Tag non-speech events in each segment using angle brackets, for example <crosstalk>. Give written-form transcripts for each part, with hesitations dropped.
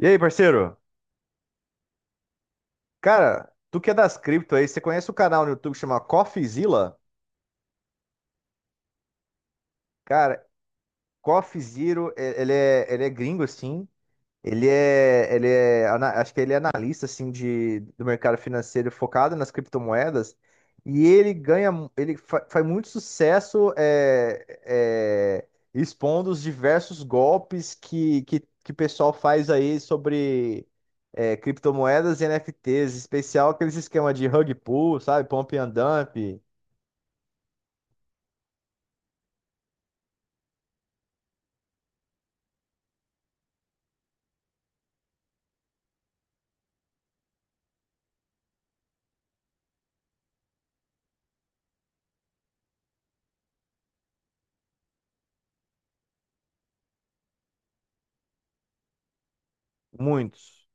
E aí, parceiro? Cara, tu que é das cripto aí, você conhece o canal no YouTube que chama CoffeeZilla? Cara, CoffeeZero, ele é gringo, assim. Acho que ele é analista assim do mercado financeiro focado nas criptomoedas, e ele ganha, ele faz muito sucesso expondo os diversos golpes que o pessoal faz aí sobre criptomoedas e NFTs, em especial aqueles esquemas de rug pull, sabe, pump and dump, muitos.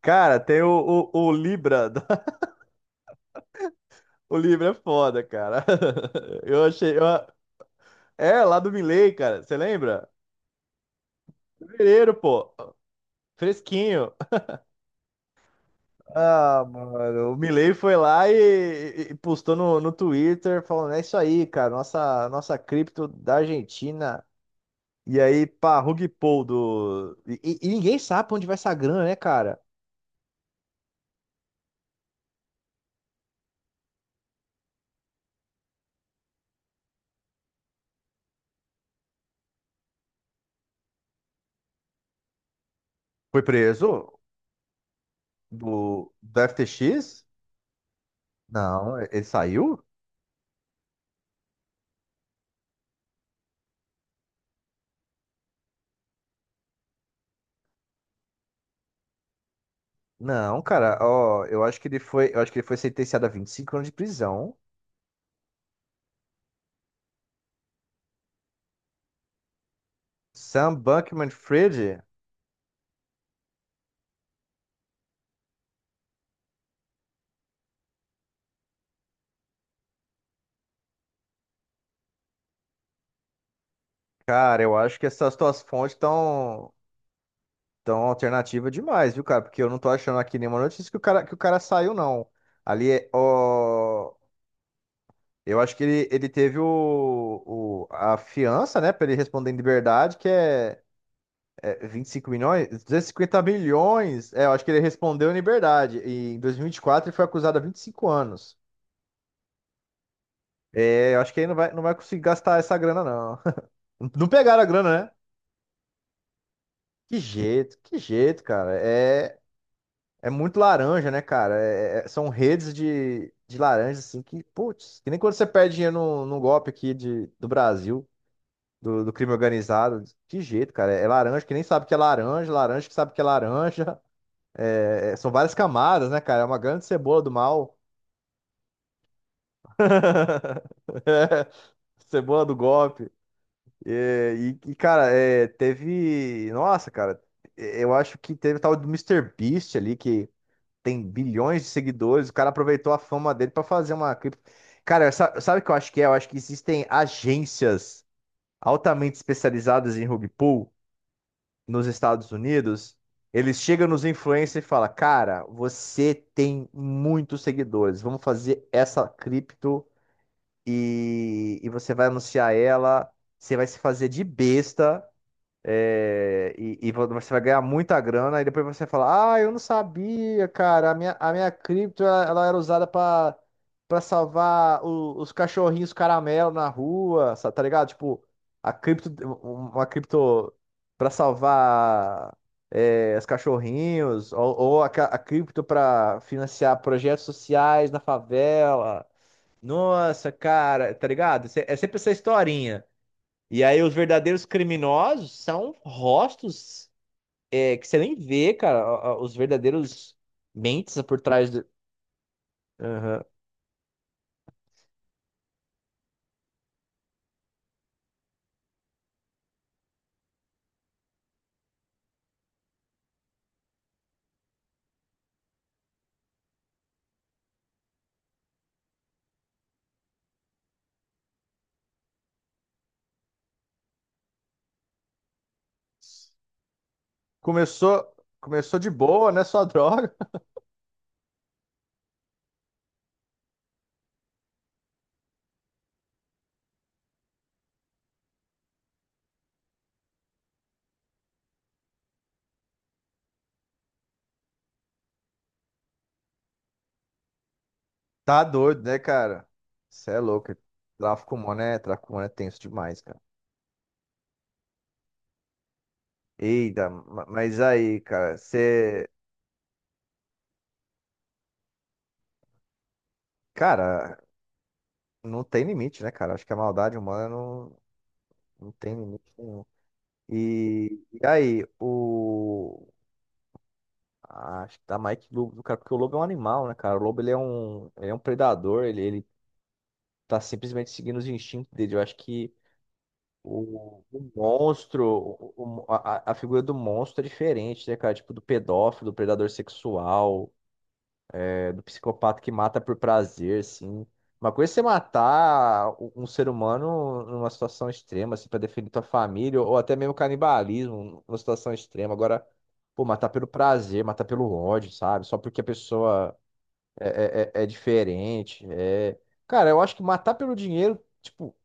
Cara, tem o Libra, <laughs> o Libra é foda, cara. <laughs> Eu achei, eu, É, lá do Milley, cara. Você lembra? Fevereiro, pô. Fresquinho. Ah, mano. O Milley foi lá e postou no, no Twitter falando: é isso aí, cara. Nossa, nossa cripto da Argentina. E aí, pá, rug pull do. E ninguém sabe pra onde vai essa grana, né, cara? Foi preso do, do FTX? Não, ele saiu? Não, cara, ó, eu acho que ele foi sentenciado a 25 anos de prisão. Sam Bankman-Fried. Cara, eu acho que essas tuas fontes estão tão tão alternativa demais, viu, cara? Porque eu não tô achando aqui nenhuma notícia que o cara saiu, não. Ali é. Ó, eu acho que ele teve a fiança, né, pra ele responder em liberdade, que é, é 25 milhões, duzentos e cinquenta milhões. É, eu acho que ele respondeu em liberdade. E em 2024 ele foi acusado há 25 anos. É, eu acho que ele não vai, não vai conseguir gastar essa grana, não. <laughs> Não pegaram a grana, né? Que jeito, cara. É. É muito laranja, né, cara? São redes de laranja, assim, que, putz, que nem quando você perde dinheiro num golpe aqui do Brasil, do crime organizado. Que jeito, cara. É laranja que nem sabe que é laranja, laranja que sabe que é laranja. <laughs> São várias camadas, né, cara? É uma grande cebola do mal. <laughs> É, cebola do golpe. É, E, e, cara, é, teve. Nossa, cara, eu acho que teve o tal do Mister Beast ali que tem bilhões de seguidores, o cara aproveitou a fama dele para fazer uma cripto. Cara, sabe o que eu acho que é? Eu acho que existem agências altamente especializadas em rug pull nos Estados Unidos. Eles chegam nos influencers e falam: cara, você tem muitos seguidores, vamos fazer essa cripto e você vai anunciar ela. Você vai se fazer de besta e você vai ganhar muita grana, e depois você fala: ah, eu não sabia, cara, a minha cripto, ela era usada para para salvar os cachorrinhos caramelo na rua, tá ligado? Tipo, a cripto, uma cripto para salvar os cachorrinhos, ou a cripto para financiar projetos sociais na favela. Nossa, cara, tá ligado? É sempre essa historinha. E aí os verdadeiros criminosos são rostos que você nem vê, cara. Os verdadeiros mentes por trás do... Aham. Começou, começou de boa, né? Só droga. <laughs> Tá doido, né, cara? Você é louco. Tráfico humano é tenso demais, cara. Eita, mas aí, cara, você. Cara, não tem limite, né, cara? Acho que a maldade humana não, não tem limite nenhum. E aí, o. Acho que tá Mike Lobo, do cara, porque o lobo é um animal, né, cara? O lobo ele é um predador, ele tá simplesmente seguindo os instintos dele. Eu acho que o monstro, o- a figura do monstro é diferente, né, cara? Tipo do pedófilo, do predador sexual, do psicopata que mata por prazer, assim. Uma coisa é você matar um ser humano numa situação extrema, assim, pra defender tua família, ou até mesmo canibalismo numa situação extrema. Agora, pô, matar pelo prazer, matar pelo ódio, sabe? Só porque a pessoa. É diferente. É... Cara, eu acho que matar pelo dinheiro, tipo,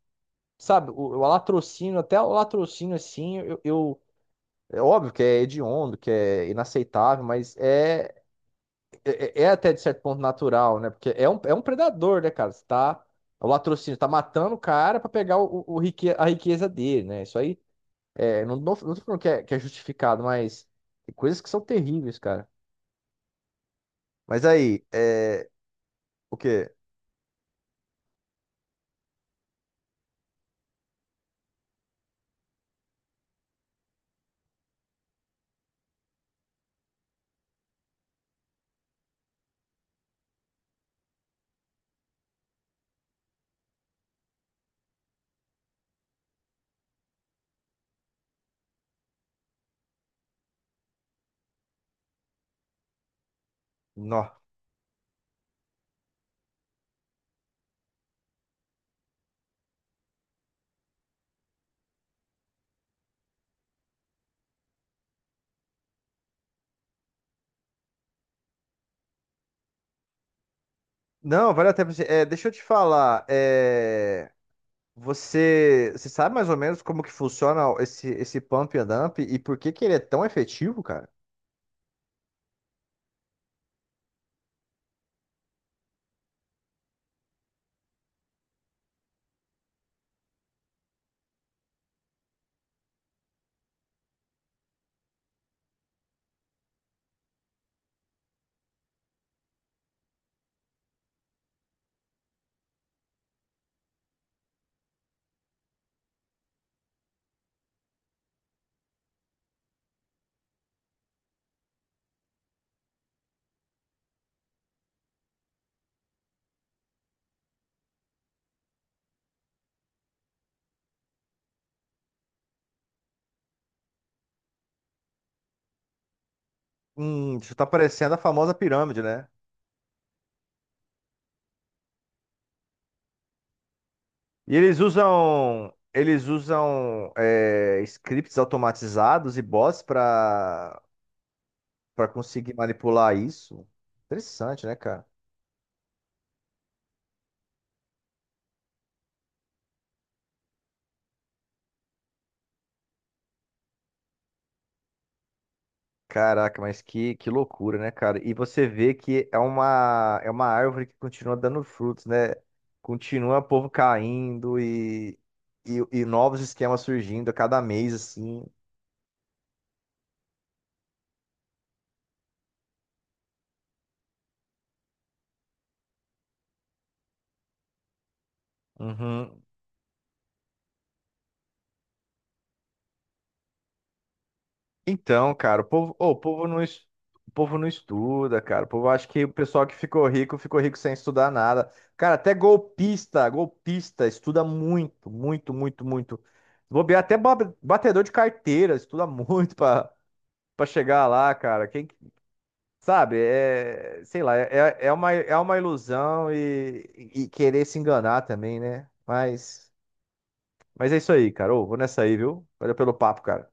sabe, o latrocínio, até o latrocínio assim, é óbvio que é hediondo, que é inaceitável, mas é até de certo ponto natural, né? Porque é um predador, né, cara? Você tá, o latrocínio tá matando o cara pra pegar a riqueza dele, né? Isso aí, não tô falando que é justificado, mas tem coisas que são terríveis, cara. Mas aí, é, o quê? Nó. Não, valeu até É, deixa eu te falar. Você sabe mais ou menos como que funciona esse pump and dump e por que que ele é tão efetivo, cara? Isso tá parecendo a famosa pirâmide, né? E eles usam, scripts automatizados e bots para para conseguir manipular isso. Interessante, né, cara? Caraca, mas que loucura, né, cara? E você vê que é é uma árvore que continua dando frutos, né? Continua o povo caindo e novos esquemas surgindo a cada mês, assim. Uhum. Então, cara, o povo não estuda, cara. O povo acha que o pessoal que ficou rico sem estudar nada. Cara, até golpista, golpista, estuda muito, muito, muito, muito. Vou ver até ba- batedor de carteira, estuda <laughs> muito. Pra chegar lá, cara, sabe, é, sei lá, é uma ilusão e querer se enganar também, né? Mas é isso aí, cara. Ô, vou nessa aí, viu? Valeu pelo papo, cara.